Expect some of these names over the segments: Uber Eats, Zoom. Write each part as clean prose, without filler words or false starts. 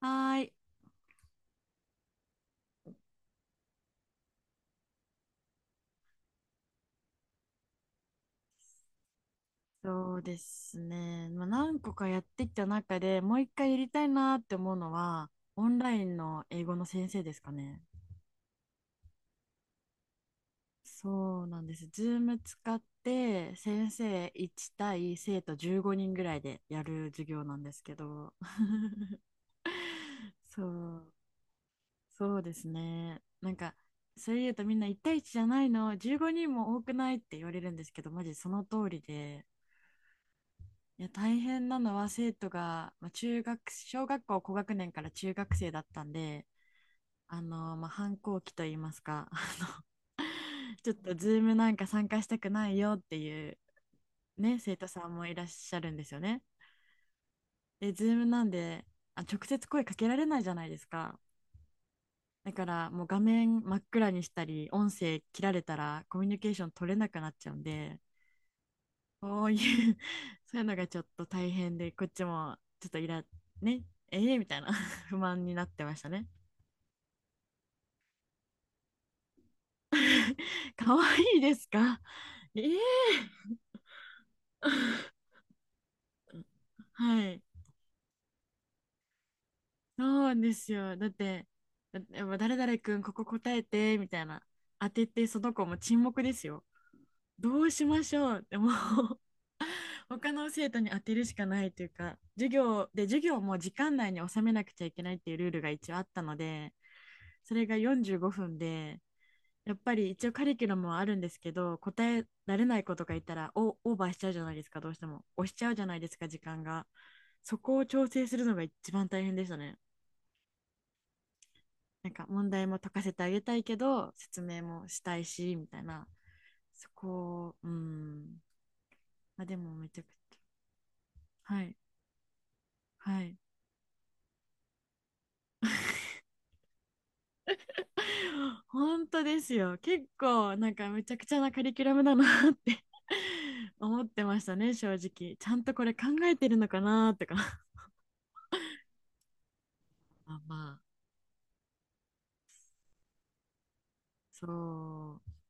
はーい。そうですね。まあ、何個かやってきた中でもう一回やりたいなって思うのは、オンラインの英語の先生ですかね。そうなんです。Zoom 使って先生1対生徒15人ぐらいでやる授業なんですけど、そう、そうですね。なんか、それ言うとみんな1対1じゃないの、15人も多くないって言われるんですけど、マジその通りで、いや大変なのは生徒が、まあ、中学小学校高学年から中学生だったんでまあ、反抗期といいますか ちょっとズームなんか参加したくないよっていう、ね、生徒さんもいらっしゃるんですよね。でズームなんで直接声かけられないじゃないですか。だからもう画面真っ暗にしたり音声切られたらコミュニケーション取れなくなっちゃうんで、そういう そういうのがちょっと大変で、こっちもちょっとね、えーみたいな 不満になってましたね。可愛いですか？ええー はい。そうなんですよ。だって誰々くん、ここ答えて、みたいな。当てて、その子も沈黙ですよ。どうしましょうってもう 他の生徒に当てるしかないというか、授業も時間内に収めなくちゃいけないっていうルールが一応あったので、それが45分で、やっぱり一応カリキュラムはあるんですけど、答えられない子とかいたらオーバーしちゃうじゃないですか、どうしても。押しちゃうじゃないですか、時間が。そこを調整するのが一番大変でしたね。なんか問題も解かせてあげたいけど、説明もしたいし、みたいな。そこを、うん。まあ、でもめちゃくちゃ。はい。はい。本当ですよ。結構、なんかめちゃくちゃなカリキュラムだなって 思ってましたね、正直。ちゃんとこれ考えてるのかなとか まあまあ。そう。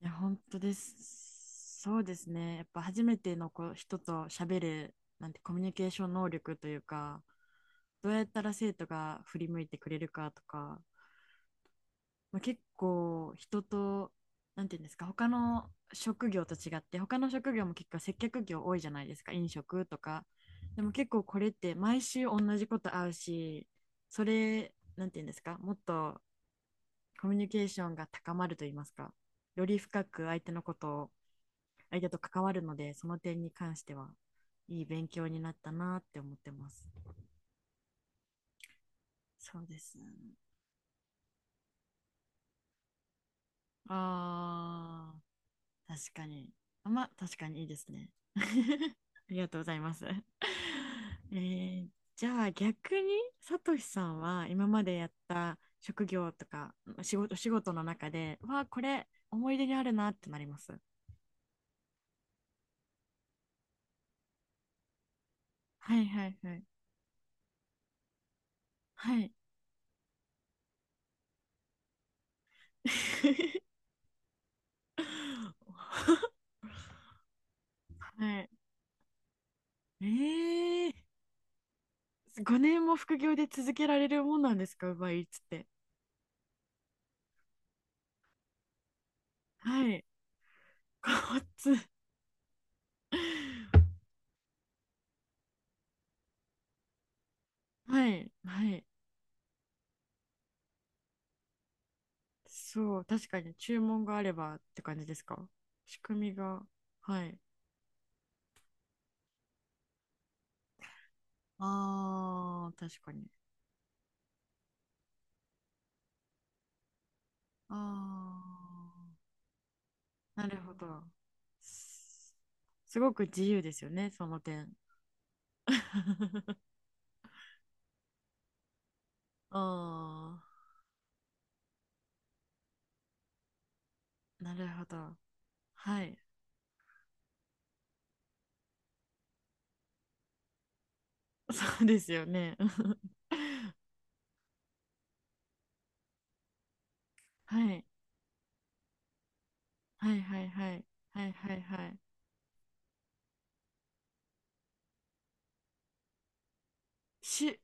いや、本当です。そうですね。やっぱ初めての子人と喋る、なんてコミュニケーション能力というか、どうやったら生徒が振り向いてくれるかとか、まあ、結構人と、なんていうんですか、他の職業と違って、他の職業も結構接客業多いじゃないですか、飲食とか。でも結構これって毎週同じこと会うし、それ、なんていうんですか、もっとコミュニケーションが高まると言いますか、より深く相手のことを相手と関わるので、その点に関しては、いい勉強になったなって思ってます。そうですね。ああ、確かに。まあ、確かにいいですね。ありがとうございます。えーじゃあ逆に、さとしさんは今までやった職業とか仕事の中で、わあ、これ思い出にあるなってなります。はいはいはい。はい。はい。ええー、5年も副業で続けられるもんなんですか？奪いっつって。はい。こっつ。はい。はい。そう、確かに注文があればって感じですか？仕組みが。はい。ああ、確かに。ああ、なるほど。すすごく自由ですよね、その点。ああ、なるほど。はい。そうですよね。はい。はいはいはい、はいはいはい。し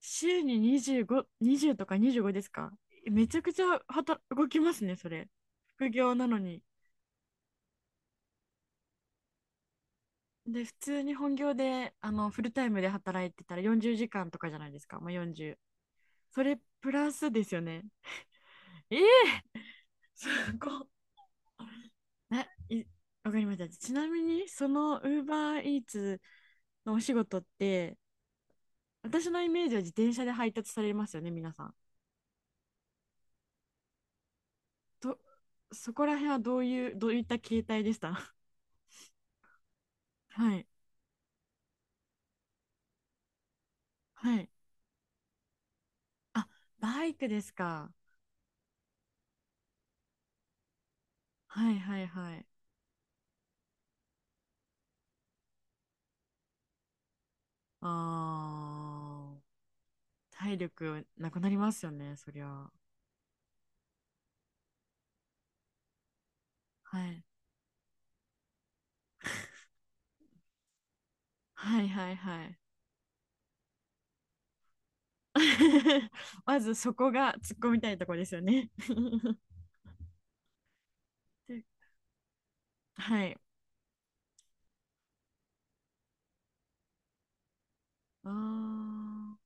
週に25、20とか25ですか？めちゃくちゃ働動きますね、それ。副業なのに。で、普通に本業でフルタイムで働いてたら40時間とかじゃないですか。もう4それプラスですよね。ええ、すごっ、ない、わかりました。ちなみに、その Uber Eats のお仕事って、私のイメージは自転車で配達されますよね、皆さん。と、そこら辺はどういった形態でした？ はいはい、あ、バイクですか？はいはいはい、あー、体力なくなりますよね、そりゃ。はいはいはいはい まずそこが突っ込みたいとこですよね。 で、はい、あー、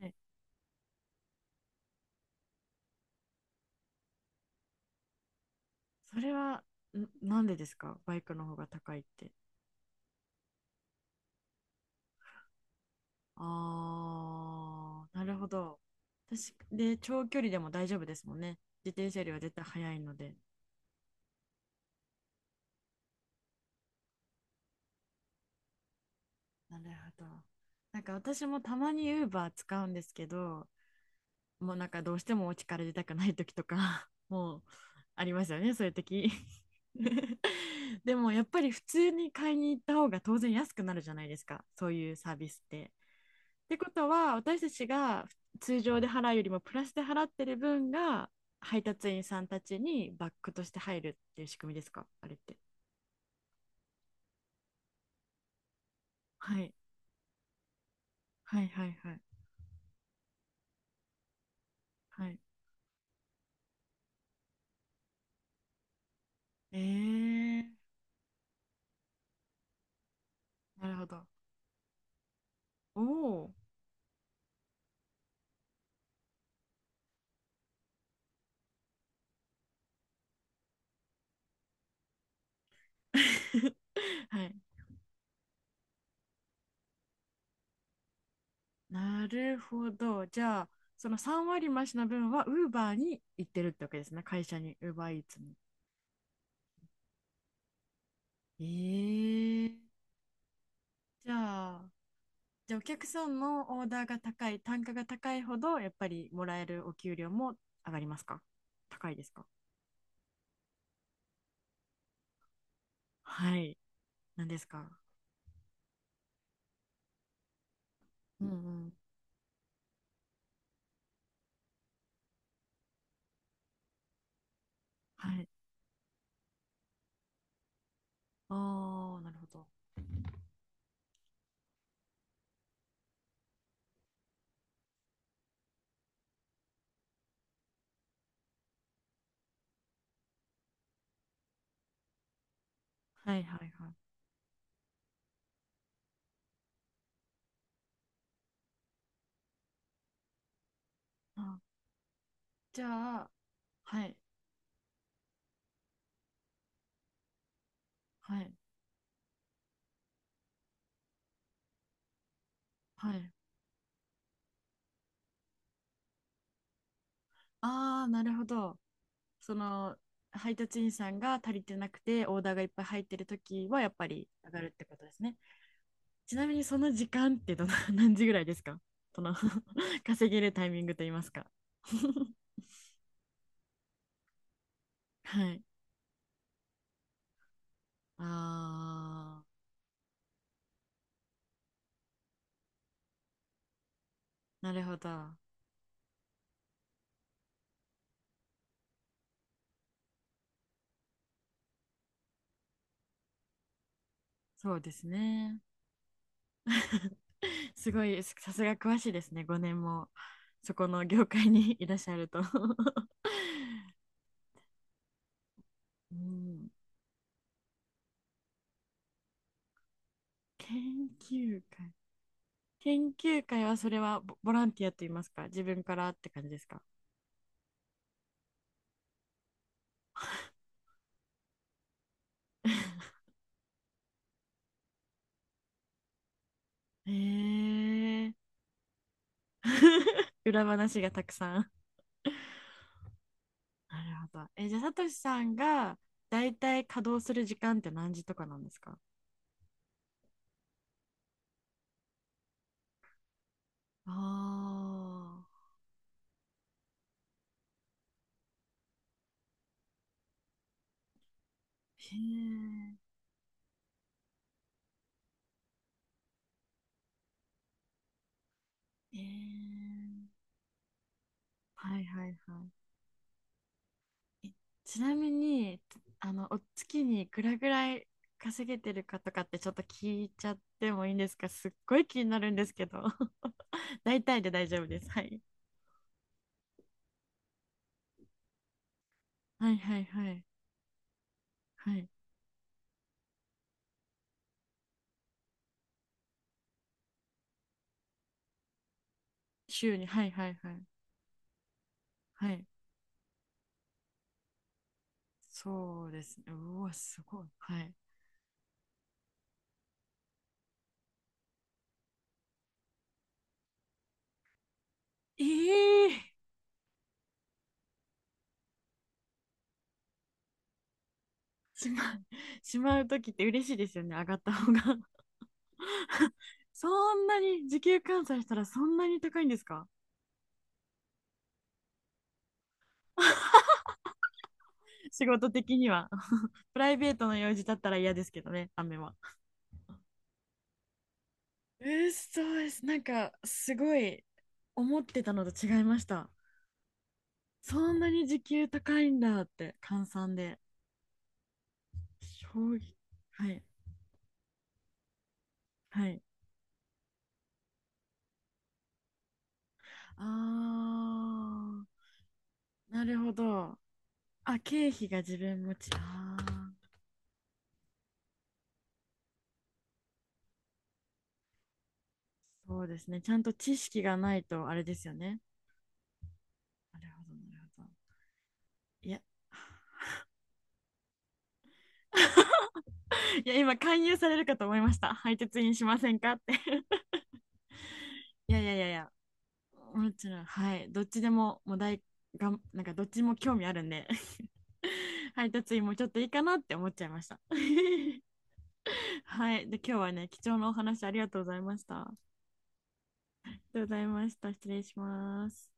はい。それは、なんでですか？バイクの方が高いって。ああ、なるほど。確かで、長距離でも大丈夫ですもんね。自転車よりは絶対速いので。なるほど。なんか私もたまに Uber 使うんですけど、もうなんかどうしてもお家から出たくない時とか、もうありますよね、そういう時。でもやっぱり普通に買いに行った方が当然安くなるじゃないですか、そういうサービスって。ってことは私たちが通常で払うよりもプラスで払ってる分が配達員さんたちにバックとして入るっていう仕組みですか、あれって。はいはいはいはい。はい、えー、なるほど。おお。はい。なるほど。じゃあその3割増しの分はウーバーに行ってるってわけですね。会社に、ウーバーいつもに。じゃあじゃあお客さんのオーダーが高い、単価が高いほど、やっぱりもらえるお給料も上がりますか？高いですか？はい。なんですか？うんうん。はい。ああ、なるほど。はいはいはい。あ、じゃあ、はい、はい、はい。ああ、なるほど。その、配達員さんが足りてなくて、オーダーがいっぱい入ってるときは、やっぱり上がるってことですね。ちなみに、その時間ってどの、何時ぐらいですか？その 稼げるタイミングといいますか。はい。あー、なるほど。そうですね。すごい、さすが詳しいですね。5年もそこの業界に いらっしゃると。うん、研究会。研究会はそれはボランティアと言いますか、自分からって感じですか？えー、裏話がたくさん。なるほど。え、じゃあ、さとしさんがだいたい稼働する時間って何時とかなんですか？ああー、へえ。えー、はいはいはい。ちなみに、お月にいくらぐらい稼げてるかとかってちょっと聞いちゃってもいいんですか？すっごい気になるんですけど。大体で大丈夫です。はい。はいはいはい。はい。週に、はいはいはい。はい。そうですね。うわ、すごい。はい。ええ しまう、しまうときって嬉しいですよね。上がった方が。そんなに、時給換算したらそんなに高いんですか？仕事的には。プライベートの用事だったら嫌ですけどね、雨は。えそうです。なんか、すごい、思ってたのと違いました。そんなに時給高いんだって、換算で。衝撃。はい。はい。あー、なるほど。あ、経費が自分持ち。あー、そうですね。ちゃんと知識がないと、あれですよね。なるほど、なるほど。いや、いや、今、勧誘されるかと思いました。配達員しませんかって。いやいやいやいや、もちろん、はい。どっちでも、もう大がん、なんかどっちも興味あるんで 配達員もちょっといいかなって思っちゃいました。はい。で、今日はね、貴重なお話ありがとうございました。ありがとうございました。失礼します。